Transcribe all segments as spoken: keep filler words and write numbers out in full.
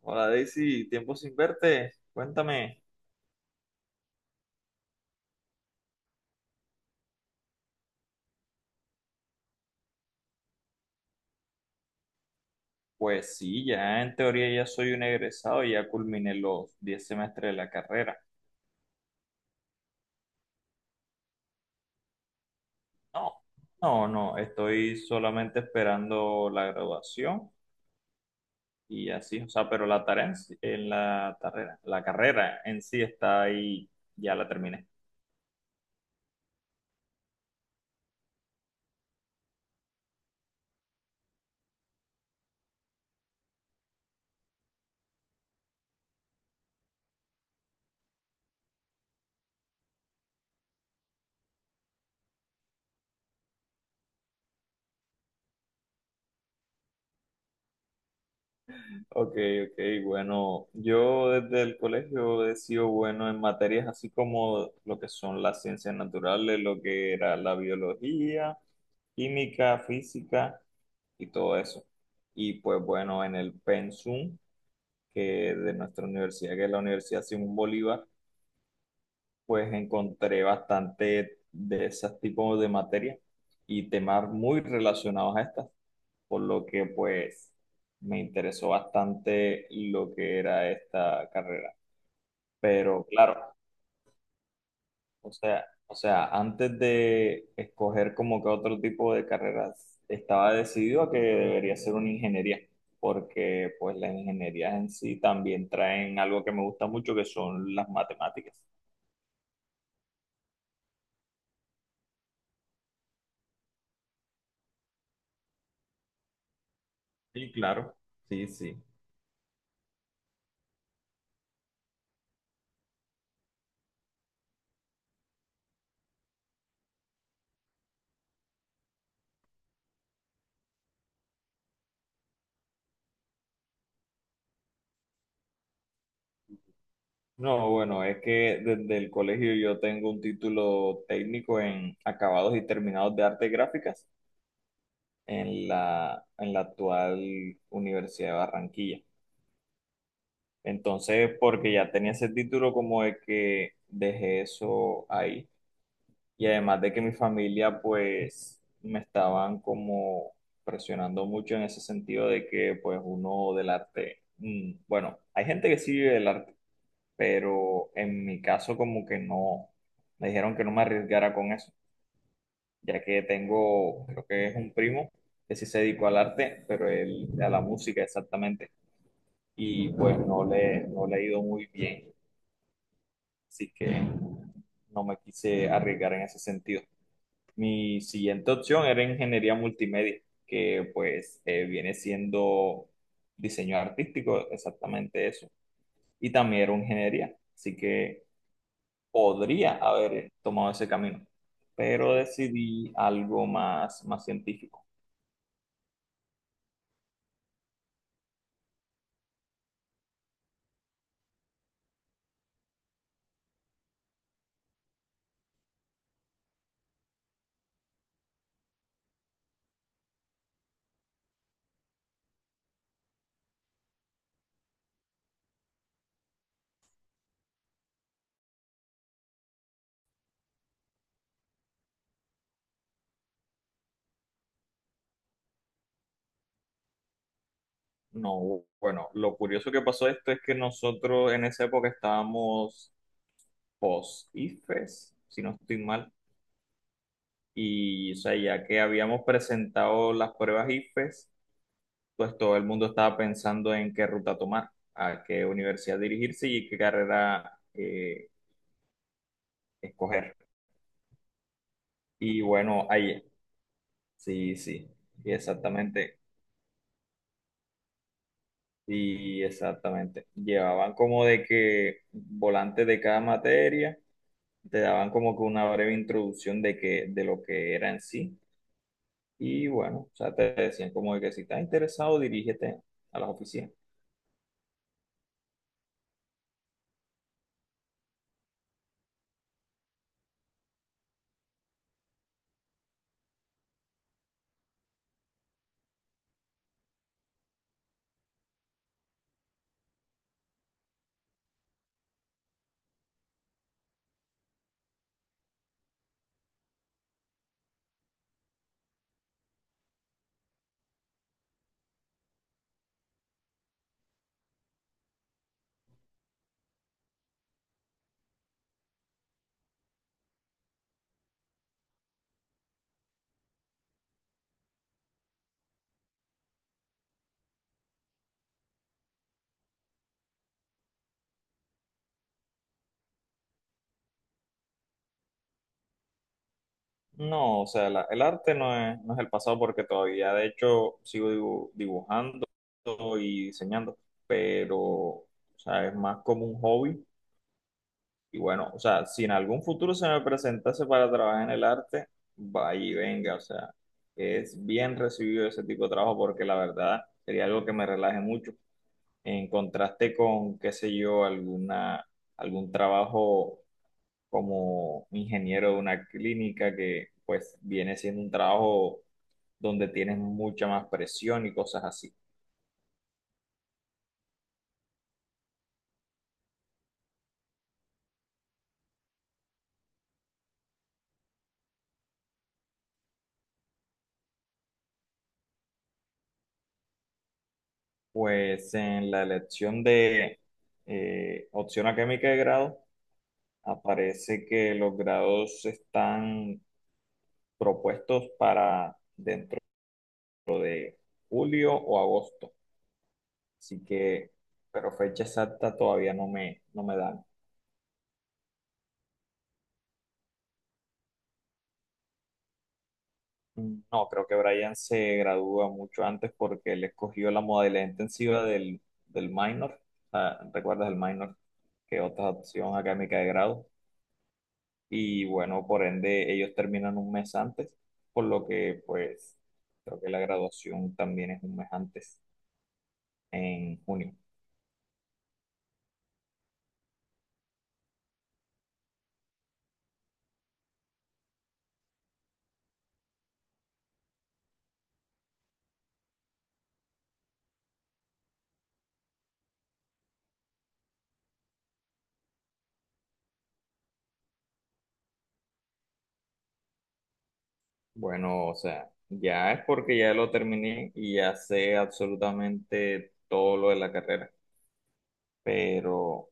Hola Daisy, tiempo sin verte, cuéntame. Pues sí, ya en teoría ya soy un egresado, ya culminé los diez semestres de la carrera. No, no, no, estoy solamente esperando la graduación y así, o sea, pero la tarea en, sí- en la carrera, la carrera en sí está ahí, ya la terminé. Ok, ok, bueno, yo desde el colegio he sido bueno en materias así como lo que son las ciencias naturales, lo que era la biología, química, física y todo eso. Y pues bueno, en el pensum que de nuestra universidad, que es la Universidad Simón Bolívar, pues encontré bastante de esos tipos de materias y temas muy relacionados a estas por lo que pues me interesó bastante lo que era esta carrera. Pero claro, o sea, o sea, antes de escoger como que otro tipo de carreras, estaba decidido a que debería ser una ingeniería, porque pues las ingenierías en sí también traen algo que me gusta mucho, que son las matemáticas. Sí, claro, sí, sí. No, bueno, es que desde el colegio yo tengo un título técnico en acabados y terminados de artes gráficas en la, en la actual Universidad de Barranquilla. Entonces, porque ya tenía ese título como de que dejé eso ahí. Y además de que mi familia pues me estaban como presionando mucho en ese sentido de que pues uno del arte, mm, bueno, hay gente que sí vive del arte, pero en mi caso como que no, me dijeron que no me arriesgara con eso. Ya que tengo, creo que es un primo que sí se dedicó al arte, pero él a la música exactamente, y pues no le, no le ha ido muy bien, así que no me quise arriesgar en ese sentido. Mi siguiente opción era ingeniería multimedia, que pues eh, viene siendo diseño artístico, exactamente eso, y también era ingeniería, así que podría haber tomado ese camino, pero decidí algo más, más científico. No, bueno, lo curioso que pasó esto es que nosotros en esa época estábamos post-IFES, si no estoy mal, y o sea, ya que habíamos presentado las pruebas IFES, pues todo el mundo estaba pensando en qué ruta tomar, a qué universidad dirigirse y qué carrera eh, escoger. Y bueno, ahí, sí, sí, y exactamente, y exactamente. Llevaban como de que volantes de cada materia te daban como que una breve introducción de que, de lo que era en sí. Y bueno, o sea, te decían como de que si estás interesado, dirígete a las oficinas. No, o sea, la- el arte no es, no es el pasado porque todavía, de hecho, sigo dibu- dibujando y diseñando, pero, o sea, es más como un hobby. Y bueno, o sea, si en algún futuro se me presentase para trabajar en el arte, vaya y venga, o sea, es bien recibido ese tipo de trabajo porque la verdad sería algo que me relaje mucho en contraste con, qué sé yo, alguna, algún trabajo como ingeniero de una clínica que pues viene siendo un trabajo donde tienes mucha más presión y cosas así. Pues en la elección de eh, opción académica de grado aparece que los grados están propuestos para dentro de julio o agosto. Así que, pero fecha exacta todavía no me, no me dan. No, creo que Brian se gradúa mucho antes porque él escogió la modalidad intensiva del, del minor, ah, ¿recuerdas el minor? Que otra opción académica de grado. Y bueno, por ende, ellos terminan un mes antes, por lo que pues creo que la graduación también es un mes antes, en junio. Bueno, o sea, ya es porque ya lo terminé y ya sé absolutamente todo lo de la carrera. Pero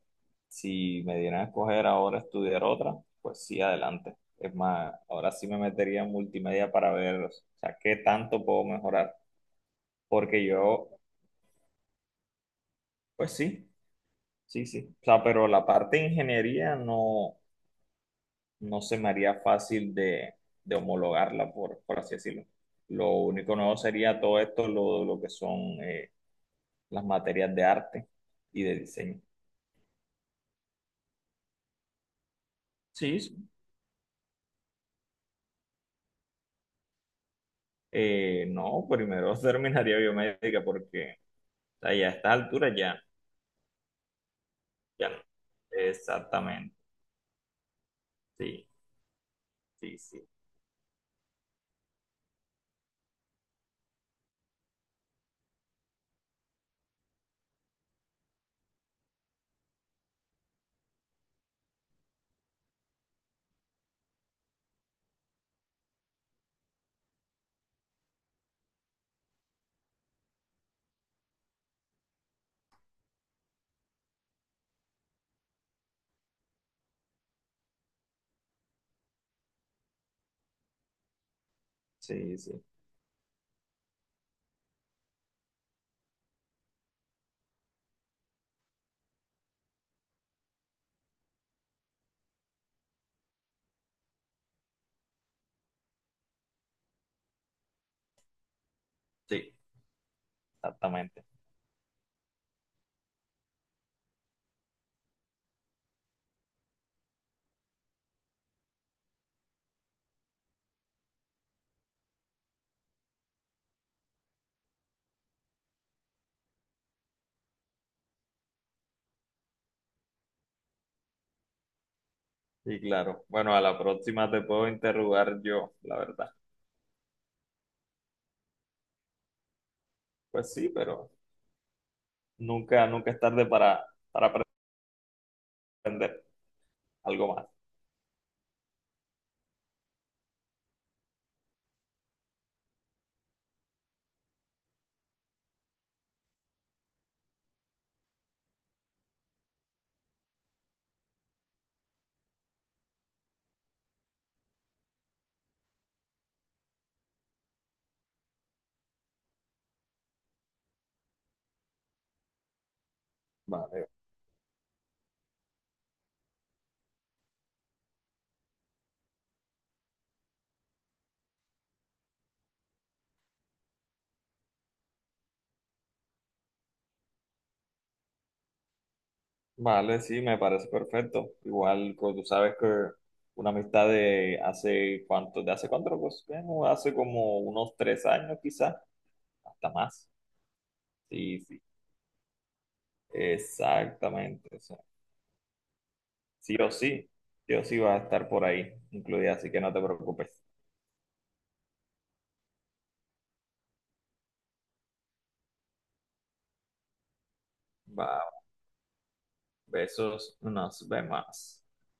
si me dieran a escoger ahora estudiar otra, pues sí, adelante. Es más, ahora sí me metería en multimedia para ver, o sea, qué tanto puedo mejorar. Porque yo, pues sí, sí, sí. O sea, pero la parte de ingeniería no, no se me haría fácil de, de homologarla, por, por así decirlo. Lo único nuevo sería todo esto, lo, lo que son eh, las materias de arte y de diseño. Sí, sí. Eh, no, primero terminaría biomédica porque sea, ya a estas alturas ya, ya no. Exactamente. Sí, sí, sí. Sí, sí. Sí, exactamente. Sí, claro. Bueno, a la próxima te puedo interrogar yo, la verdad. Pues sí, pero nunca, nunca es tarde para, para aprender algo más. Vale. Vale, sí, me parece perfecto. Igual, pues tú sabes que una amistad de hace cuánto, de hace cuánto, pues bueno, hace como unos tres años quizás, hasta más. Sí, sí. Exactamente. Sí. Sí o sí, sí o sí va a estar por ahí incluida, así que no te preocupes. Va, besos, nos vemos.